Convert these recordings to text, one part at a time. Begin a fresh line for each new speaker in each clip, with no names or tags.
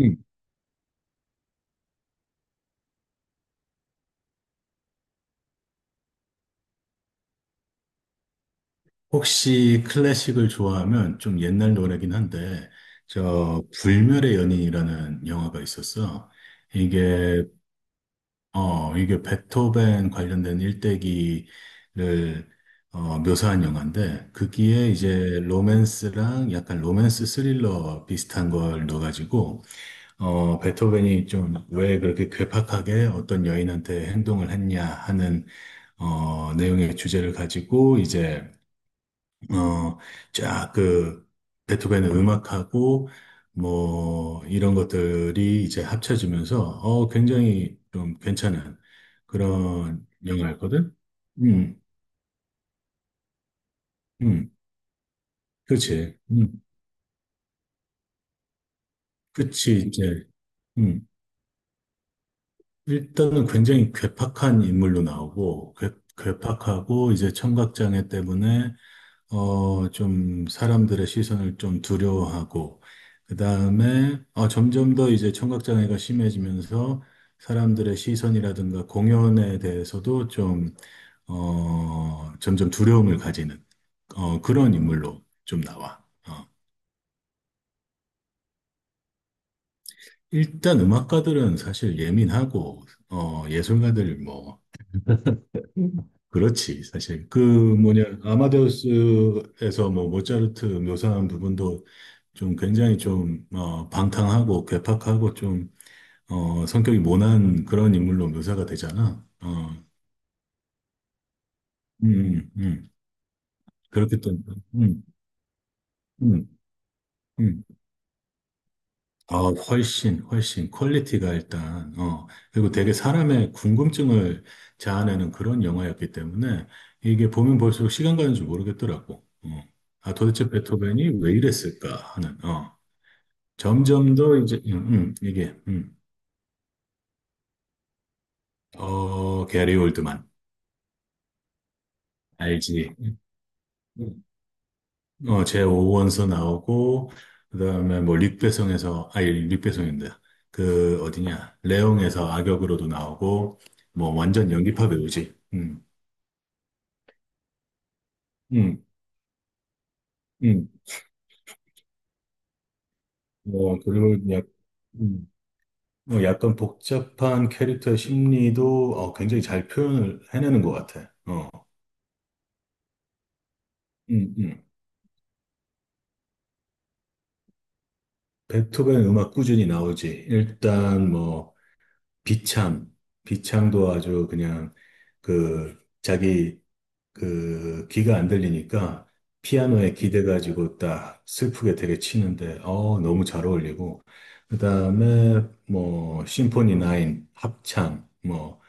음. 혹시 클래식을 좋아하면 좀 옛날 노래긴 한데, 불멸의 연인이라는 영화가 있었어. 이게, 이게 베토벤 관련된 일대기를, 묘사한 영화인데, 거기에 이제 로맨스랑 약간 로맨스 스릴러 비슷한 걸 넣어가지고, 베토벤이 좀 왜 그렇게 괴팍하게 어떤 여인한테 행동을 했냐 하는, 내용의 주제를 가지고 이제 어, 쫙 그, 베토벤의 음악하고, 뭐, 이런 것들이 이제 합쳐지면서, 굉장히 좀 괜찮은 그런 영화였거든? 음, 음, 그치. 그치, 이제, 음. 일단은 굉장히 괴팍한 인물로 나오고, 괴팍하고, 이제 청각장애 때문에 좀 사람들의 시선을 좀 두려워하고, 그 다음에 점점 더 이제 청각장애가 심해지면서 사람들의 시선이라든가 공연에 대해서도 좀, 점점 두려움을 가지는 그런 인물로 좀 나와. 일단 음악가들은 사실 예민하고, 예술가들 뭐, 음. 그렇지, 사실. 그 뭐냐, 아마데우스에서 뭐 모차르트 묘사한 부분도 좀 굉장히 좀, 방탕하고 괴팍하고 좀, 성격이 모난 그런 인물로 묘사가 되잖아. 음, 음, 음. 그렇기 때문에, 음, 음, 음. 아, 훨씬, 훨씬 퀄리티가 일단, 그리고 되게 사람의 궁금증을 자아내는 그런 영화였기 때문에 이게 보면 볼수록 시간 가는 줄 모르겠더라고. 도대체 베토벤이 왜 이랬을까 하는. 점점 더 이제. 게리 올드만. 알지? 음. 제 5원서 나오고, 그 다음에 뭐, 릭배송에서, 아니, 릭배송인데, 그, 어디냐, 레옹에서 악역으로도 나오고, 뭐, 완전 연기파 배우지. 음, 음. 그리고 음, 뭐 약간 복잡한 캐릭터의 심리도 굉장히 잘 표현을 해내는 것 같아. 음, 음. 베토벤 음악 꾸준히 나오지. 일단 뭐, 비참, 비참도 아주 그냥 그 자기 그 귀가 안 들리니까 피아노에 기대가지고 딱 슬프게 되게 치는데 너무 잘 어울리고 그다음에 뭐 심포니 9 합창 뭐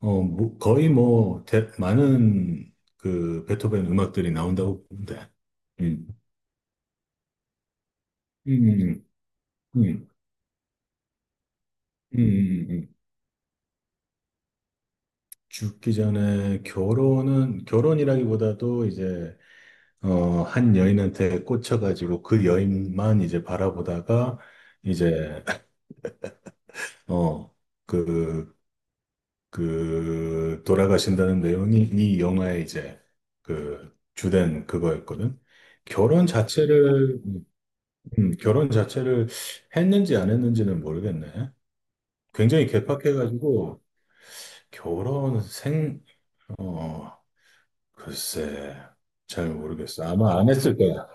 뭐 거의 뭐 많은 그 베토벤 음악들이 나온다고 보는데 음. 음, 음, 음, 음, 음. 음, 음. 죽기 전에 결혼은 결혼이라기보다도 이제 한 여인한테 꽂혀가지고 그 여인만 이제 바라보다가 이제, 어, 그, 돌아가신다는 내용이 이 영화의 이제 그 주된 그거였거든. 결혼 자체를, 결혼 자체를 했는지 안 했는지는 모르겠네. 굉장히 개팍해가지고 결혼 생, 어, 글쎄, 잘 모르겠어. 아마 안 했을 거야.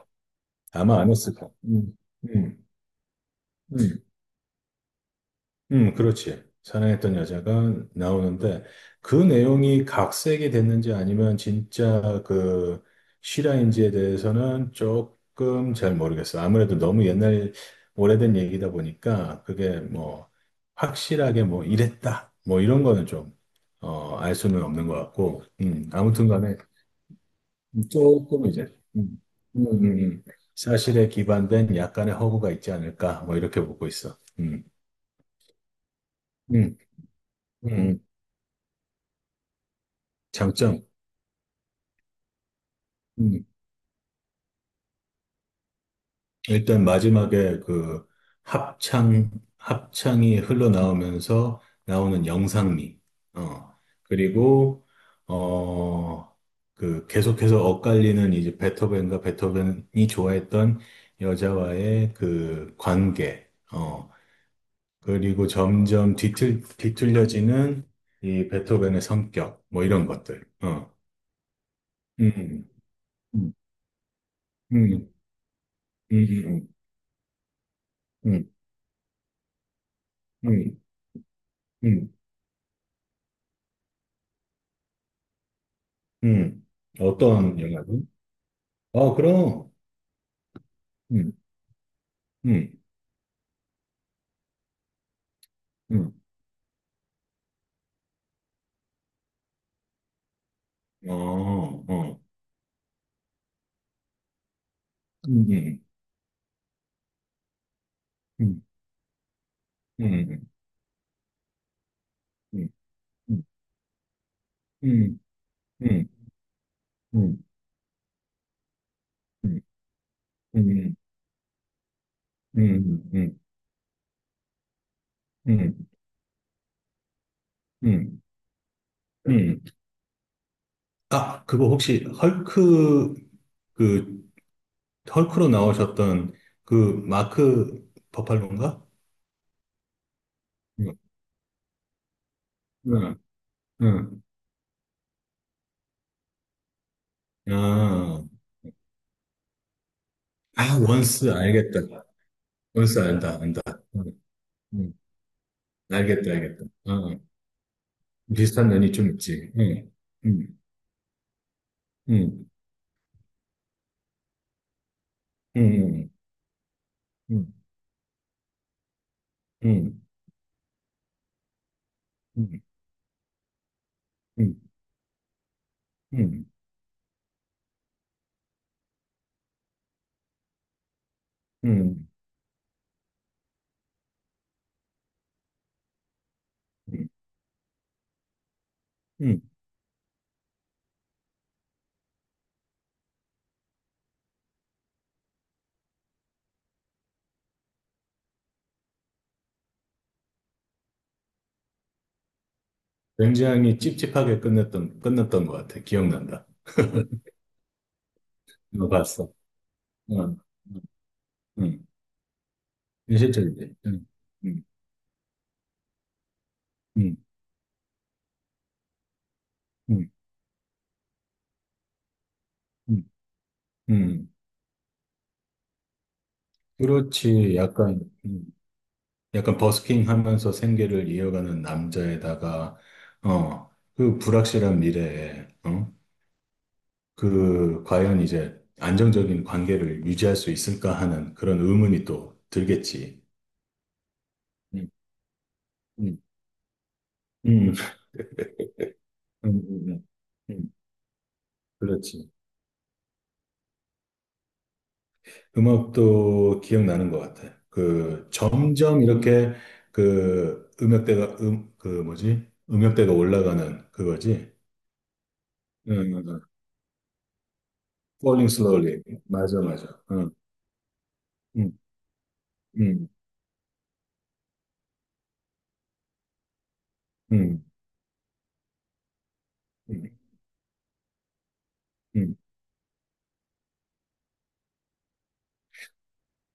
아마 안 했을 거야. 음, 음. 그렇지. 사랑했던 여자가 나오는데 그 내용이 각색이 됐는지 아니면 진짜 그 실화인지에 대해서는 조금 잘 모르겠어. 아무래도 너무 옛날 오래된 얘기다 보니까 그게 뭐 확실하게 뭐 이랬다 뭐 이런 거는 좀 알 수는 없는 것 같고, 아무튼 간에 조금 이제 음, 음, 음, 음. 사실에 기반된 약간의 허구가 있지 않을까 뭐 이렇게 보고 있어. 음, 음. 장점. 음, 일단 마지막에 그 합창, 합창이 흘러나오면서 나오는 영상미, 어, 그리고, 어, 그 계속해서 엇갈리는 이제 베토벤과 베토벤이 좋아했던 여자와의 그 관계, 그리고 점점 뒤틀려지는 이 베토벤의 성격, 뭐 이런 것들, 어, 음, 음, 음, 음, 음, 음, 음, 음, 음. 음, 아, 어떤 영화든? 그럼, 음, 음, 음, 어, 어, 음, 음, 음, 음, 음, 음, 음, 음, 음, 음, 음, 음, 음, 음, 음. 음. 아, 그거 혹시 그, 헐크로 나오셨던 그 마크 버팔로인가? 응, 응, 응. 아, 아, 원스 알겠다. 원스 안다, 안다. 응, 응. 알겠다, 알겠다. 응, 응. 비슷한 면이 좀 있지. 응, 응, 응, 응, 응, 응, 응, 응, 응, 응, 응, 응. 굉장히 찝찝하게 끝났던 것 같아. 기억난다. 이거 봤어. 응, 응, 응. 현실적이지. 응, 응, 응, 응, 응. 응. 그렇지. 약간 버스킹 하면서 생계를 이어가는 남자에다가, 그 불확실한 미래에, 어? 그, 과연 이제 안정적인 관계를 유지할 수 있을까 하는 그런 의문이 또 들겠지. 음, 음, 음, 음, 음, 음. 음, 그렇지. 음악도 기억나는 것 같아. 그, 점점 이렇게 그, 음역대가, 그 뭐지? 음역대가 올라가는 그거지. 응, 응, 응. Falling slowly. 맞아, 맞아. 응, 응, 응, 응, 응, 응,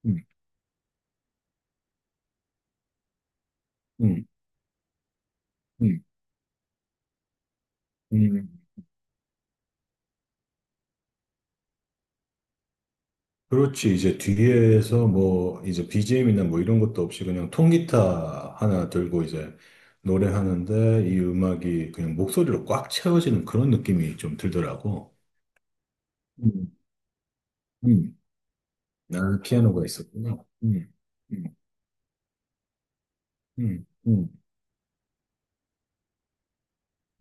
응, 응, 응, 응. 응. 그렇지. 이제 뒤에서 뭐, 이제 BGM이나 뭐 이런 것도 없이 그냥 통기타 하나 들고 이제 노래하는데 이 음악이 그냥 목소리로 꽉 채워지는 그런 느낌이 좀 들더라고. 음, 음. 아, 피아노가 있었구나. 음, 음, 음, 음,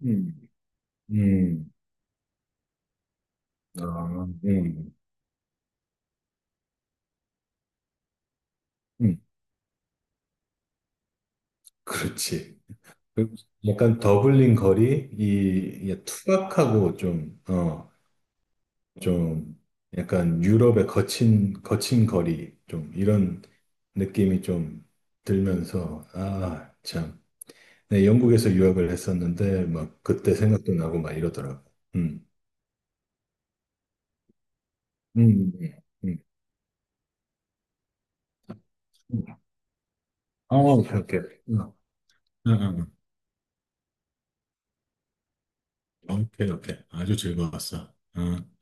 음, 음. 아, 음. 그렇지. 그 약간 더블링 거리, 이 투박하고 좀, 좀 약간 유럽의 거친, 거친 거리, 좀 이런 느낌이 좀 들면서, 아, 참. 네, 영국에서 유학을 했었는데, 막 그때 생각도 나고 막 이러더라고. 음, 음, 음. 음. 오케이, 오케이. 어, 어. 오케이, 오케이. 아주 즐거웠어.